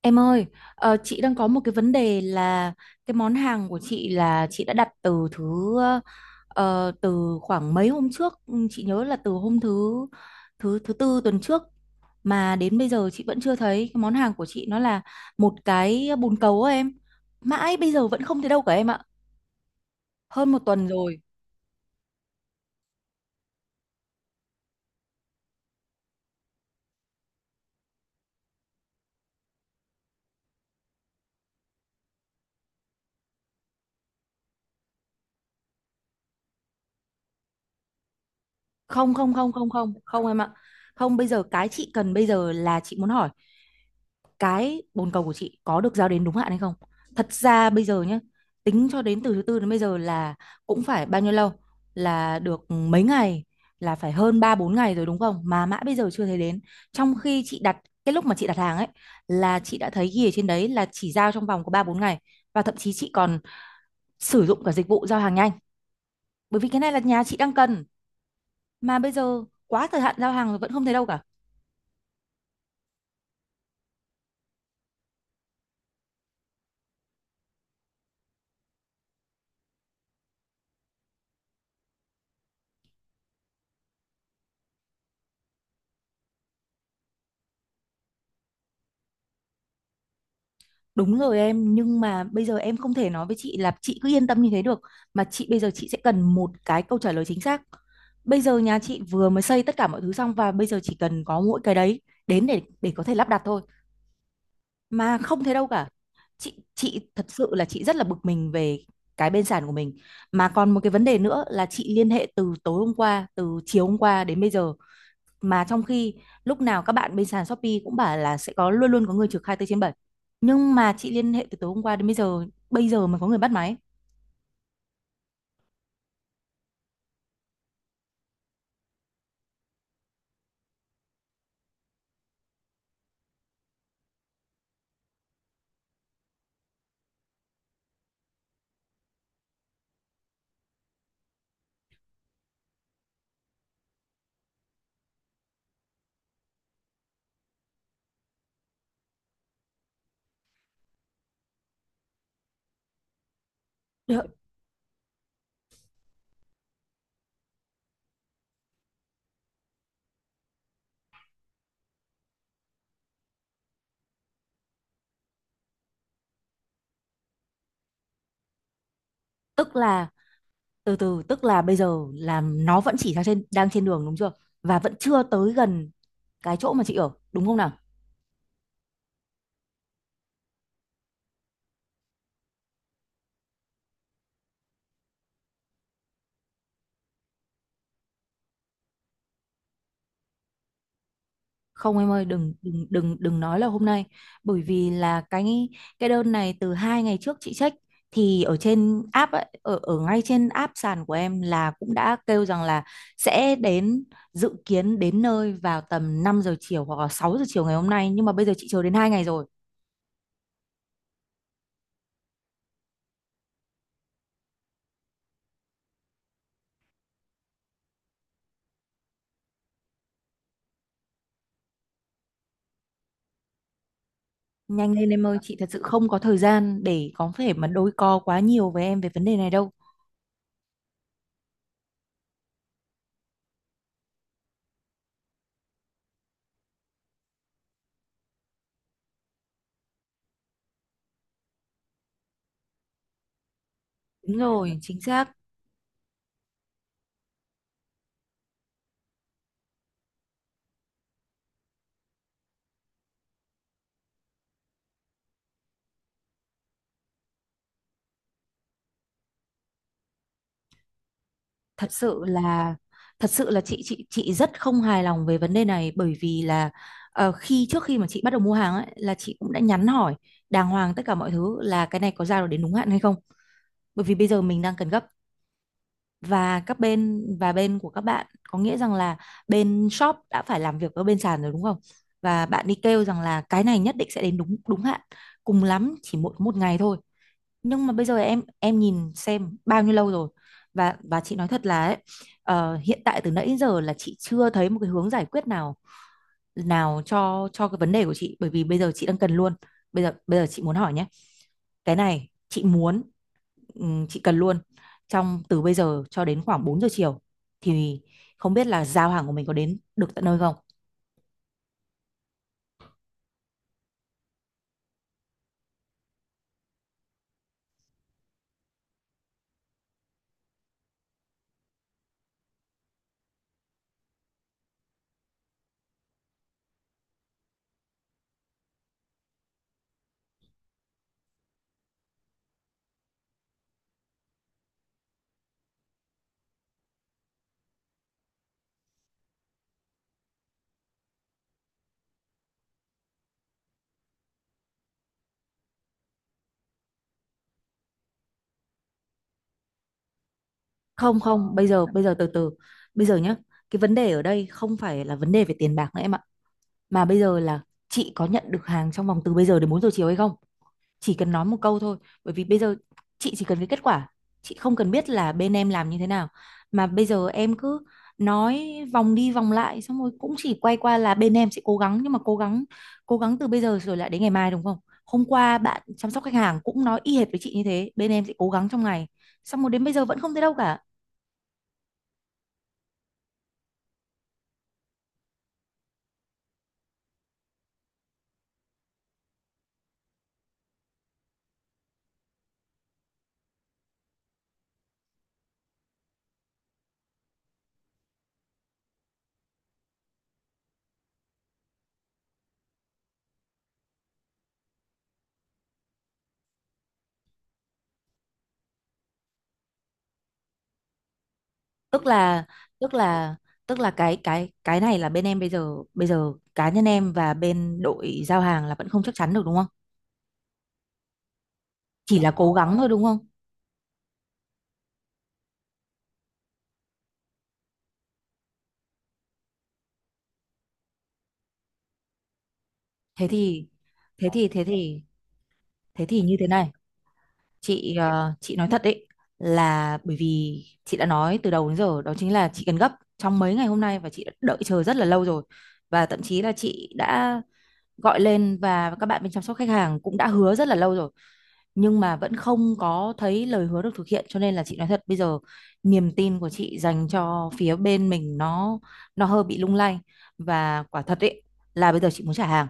Em ơi, chị đang có một cái vấn đề là cái món hàng của chị là chị đã đặt từ thứ, từ khoảng mấy hôm trước, chị nhớ là từ hôm thứ thứ thứ tư tuần trước, mà đến bây giờ chị vẫn chưa thấy cái món hàng của chị, nó là một cái bồn cầu á em. Mãi bây giờ vẫn không thấy đâu cả em ạ. Hơn một tuần rồi. Không không không không không, không em ạ. Không, bây giờ cái chị cần bây giờ là chị muốn hỏi cái bồn cầu của chị có được giao đến đúng hạn hay không. Thật ra bây giờ nhé, tính cho đến từ thứ tư đến bây giờ là cũng phải bao nhiêu lâu, là được mấy ngày, là phải hơn 3 4 ngày rồi đúng không, mà mãi bây giờ chưa thấy đến. Trong khi chị đặt, cái lúc mà chị đặt hàng ấy, là chị đã thấy ghi ở trên đấy là chỉ giao trong vòng có 3 4 ngày, và thậm chí chị còn sử dụng cả dịch vụ giao hàng nhanh, bởi vì cái này là nhà chị đang cần, mà bây giờ quá thời hạn giao hàng rồi vẫn không thấy đâu cả. Đúng rồi em, nhưng mà bây giờ em không thể nói với chị là chị cứ yên tâm như thế được, mà chị bây giờ chị sẽ cần một cái câu trả lời chính xác. Bây giờ nhà chị vừa mới xây tất cả mọi thứ xong và bây giờ chỉ cần có mỗi cái đấy đến để có thể lắp đặt thôi, mà không thế đâu cả. Chị thật sự là chị rất là bực mình về cái bên sàn của mình. Mà còn một cái vấn đề nữa là chị liên hệ từ tối hôm qua, từ chiều hôm qua đến bây giờ, mà trong khi lúc nào các bạn bên sàn Shopee cũng bảo là sẽ có, luôn luôn có người trực 24/7, nhưng mà chị liên hệ từ tối hôm qua đến bây giờ, bây giờ mới có người bắt máy. Đ- Tức là từ từ tức là bây giờ là nó vẫn chỉ đang trên đường đúng chưa, và vẫn chưa tới gần cái chỗ mà chị ở đúng không nào. Không em ơi, đừng đừng đừng đừng nói là hôm nay, bởi vì là cái đơn này từ 2 ngày trước chị check thì ở trên app ấy, ở ở ngay trên app sàn của em là cũng đã kêu rằng là sẽ đến, dự kiến đến nơi vào tầm 5 giờ chiều hoặc là 6 giờ chiều ngày hôm nay, nhưng mà bây giờ chị chờ đến 2 ngày rồi. Nhanh lên em ơi, chị thật sự không có thời gian để có thể mà đôi co quá nhiều với em về vấn đề này đâu. Đúng rồi, chính xác. thật sự là thật sự là chị rất không hài lòng về vấn đề này, bởi vì là, khi trước khi mà chị bắt đầu mua hàng ấy, là chị cũng đã nhắn hỏi đàng hoàng tất cả mọi thứ là cái này có giao được đến đúng hạn hay không, bởi vì bây giờ mình đang cần gấp, và các bên, và bên của các bạn có nghĩa rằng là bên shop đã phải làm việc với bên sàn rồi đúng không, và bạn đi kêu rằng là cái này nhất định sẽ đến đúng đúng hạn, cùng lắm chỉ một một ngày thôi, nhưng mà bây giờ em nhìn xem bao nhiêu lâu rồi. Và chị nói thật là ấy, hiện tại từ nãy đến giờ là chị chưa thấy một cái hướng giải quyết nào nào cho cái vấn đề của chị, bởi vì bây giờ chị đang cần luôn. Bây giờ chị muốn hỏi nhé, cái này chị muốn, chị cần luôn trong từ bây giờ cho đến khoảng 4 giờ chiều, thì không biết là giao hàng của mình có đến được tận nơi không. Không không, bây giờ từ từ bây giờ nhá, cái vấn đề ở đây không phải là vấn đề về tiền bạc nữa em ạ, mà bây giờ là chị có nhận được hàng trong vòng từ bây giờ đến 4 giờ chiều hay không, chỉ cần nói một câu thôi. Bởi vì bây giờ chị chỉ cần cái kết quả, chị không cần biết là bên em làm như thế nào, mà bây giờ em cứ nói vòng đi vòng lại, xong rồi cũng chỉ quay qua là bên em sẽ cố gắng, nhưng mà cố gắng, từ bây giờ rồi lại đến ngày mai đúng không. Hôm qua bạn chăm sóc khách hàng cũng nói y hệt với chị như thế, bên em sẽ cố gắng trong ngày, xong rồi đến bây giờ vẫn không thấy đâu cả. tức là tức là tức là cái này là bên em bây giờ, cá nhân em và bên đội giao hàng là vẫn không chắc chắn được đúng không, chỉ là cố gắng thôi đúng không. thế thì thế thì thế thì thế thì như thế này, chị, chị nói thật đấy, là bởi vì chị đã nói từ đầu đến giờ đó chính là chị cần gấp trong mấy ngày hôm nay, và chị đã đợi chờ rất là lâu rồi, và thậm chí là chị đã gọi lên và các bạn bên chăm sóc khách hàng cũng đã hứa rất là lâu rồi, nhưng mà vẫn không có thấy lời hứa được thực hiện, cho nên là chị nói thật bây giờ niềm tin của chị dành cho phía bên mình nó hơi bị lung lay, và quả thật ấy là bây giờ chị muốn trả hàng.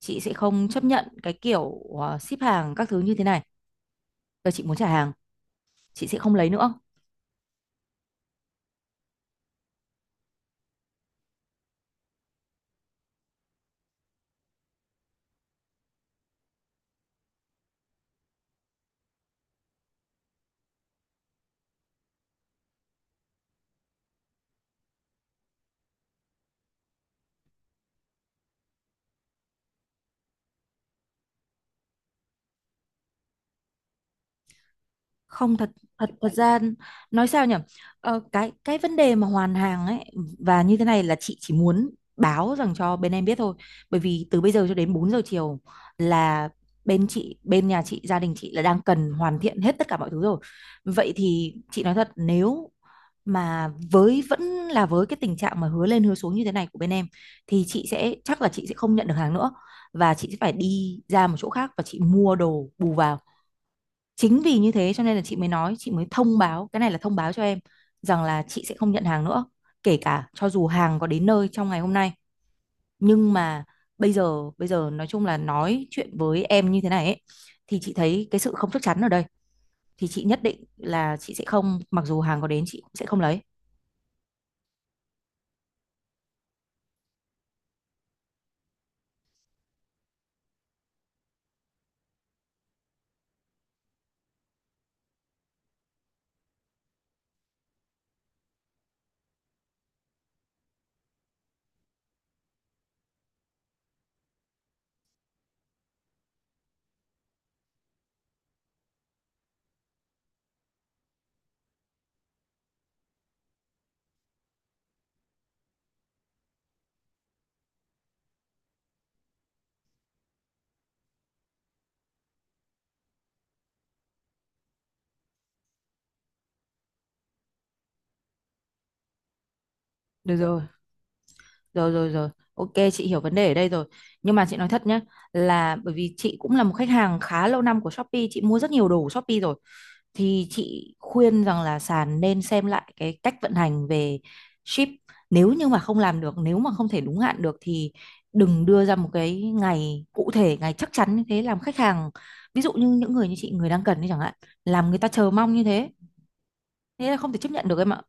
Chị sẽ không chấp nhận cái kiểu ship hàng các thứ như thế này. Bây giờ chị muốn trả hàng, chị sẽ không lấy nữa. Không, thật thật thật ra nói sao nhỉ, cái vấn đề mà hoàn hàng ấy, và như thế này là chị chỉ muốn báo rằng cho bên em biết thôi, bởi vì từ bây giờ cho đến 4 giờ chiều là bên chị, bên nhà chị, gia đình chị là đang cần hoàn thiện hết tất cả mọi thứ rồi. Vậy thì chị nói thật, nếu mà với vẫn là với cái tình trạng mà hứa lên hứa xuống như thế này của bên em, thì chị sẽ, chắc là chị sẽ không nhận được hàng nữa, và chị sẽ phải đi ra một chỗ khác và chị mua đồ bù vào. Chính vì như thế cho nên là chị mới nói, chị mới thông báo, cái này là thông báo cho em rằng là chị sẽ không nhận hàng nữa, kể cả cho dù hàng có đến nơi trong ngày hôm nay. Nhưng mà bây giờ, nói chung là nói chuyện với em như thế này ấy, thì chị thấy cái sự không chắc chắn ở đây, thì chị nhất định là chị sẽ không, mặc dù hàng có đến chị cũng sẽ không lấy. Được rồi, rồi rồi rồi. Ok, chị hiểu vấn đề ở đây rồi. Nhưng mà chị nói thật nhé, là bởi vì chị cũng là một khách hàng khá lâu năm của Shopee, chị mua rất nhiều đồ của Shopee rồi, thì chị khuyên rằng là sàn nên xem lại cái cách vận hành về ship. Nếu như mà không làm được, nếu mà không thể đúng hạn được thì đừng đưa ra một cái ngày cụ thể, ngày chắc chắn như thế làm khách hàng, ví dụ như những người như chị, người đang cần đi chẳng hạn, làm người ta chờ mong như thế, thế là không thể chấp nhận được em ạ.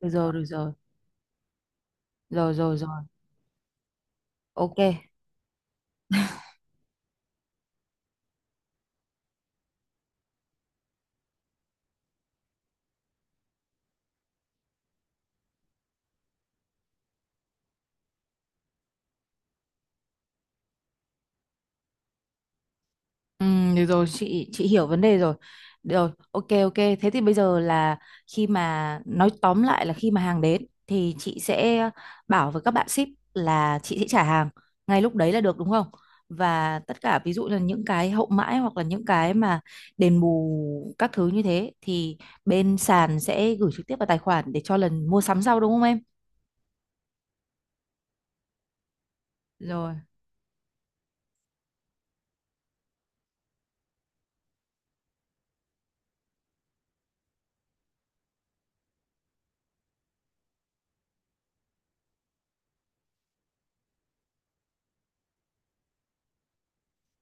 Được rồi, được rồi, rồi rồi rồi ok. Ừ, được rồi, chị hiểu vấn đề rồi. Được rồi, ok ok, thế thì bây giờ là khi mà nói tóm lại là khi mà hàng đến thì chị sẽ bảo với các bạn ship là chị sẽ trả hàng ngay lúc đấy là được đúng không, và tất cả ví dụ là những cái hậu mãi hoặc là những cái mà đền bù các thứ như thế thì bên sàn sẽ gửi trực tiếp vào tài khoản để cho lần mua sắm sau đúng không em. Rồi,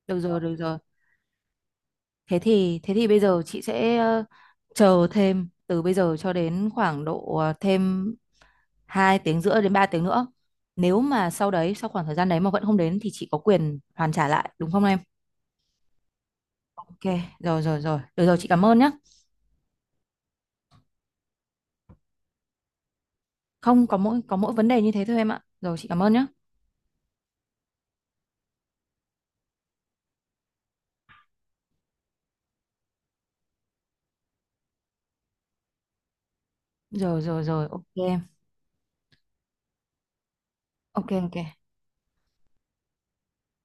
được rồi, được rồi. Thế thì bây giờ chị sẽ, chờ thêm từ bây giờ cho đến khoảng độ, thêm 2 tiếng rưỡi đến 3 tiếng nữa. Nếu mà sau đấy, sau khoảng thời gian đấy mà vẫn không đến thì chị có quyền hoàn trả lại đúng không em? Ok, rồi rồi rồi. Được rồi, chị cảm ơn nhé. Không, có mỗi vấn đề như thế thôi em ạ. Rồi chị cảm ơn nhé. Rồi rồi rồi ok em. Ok ok.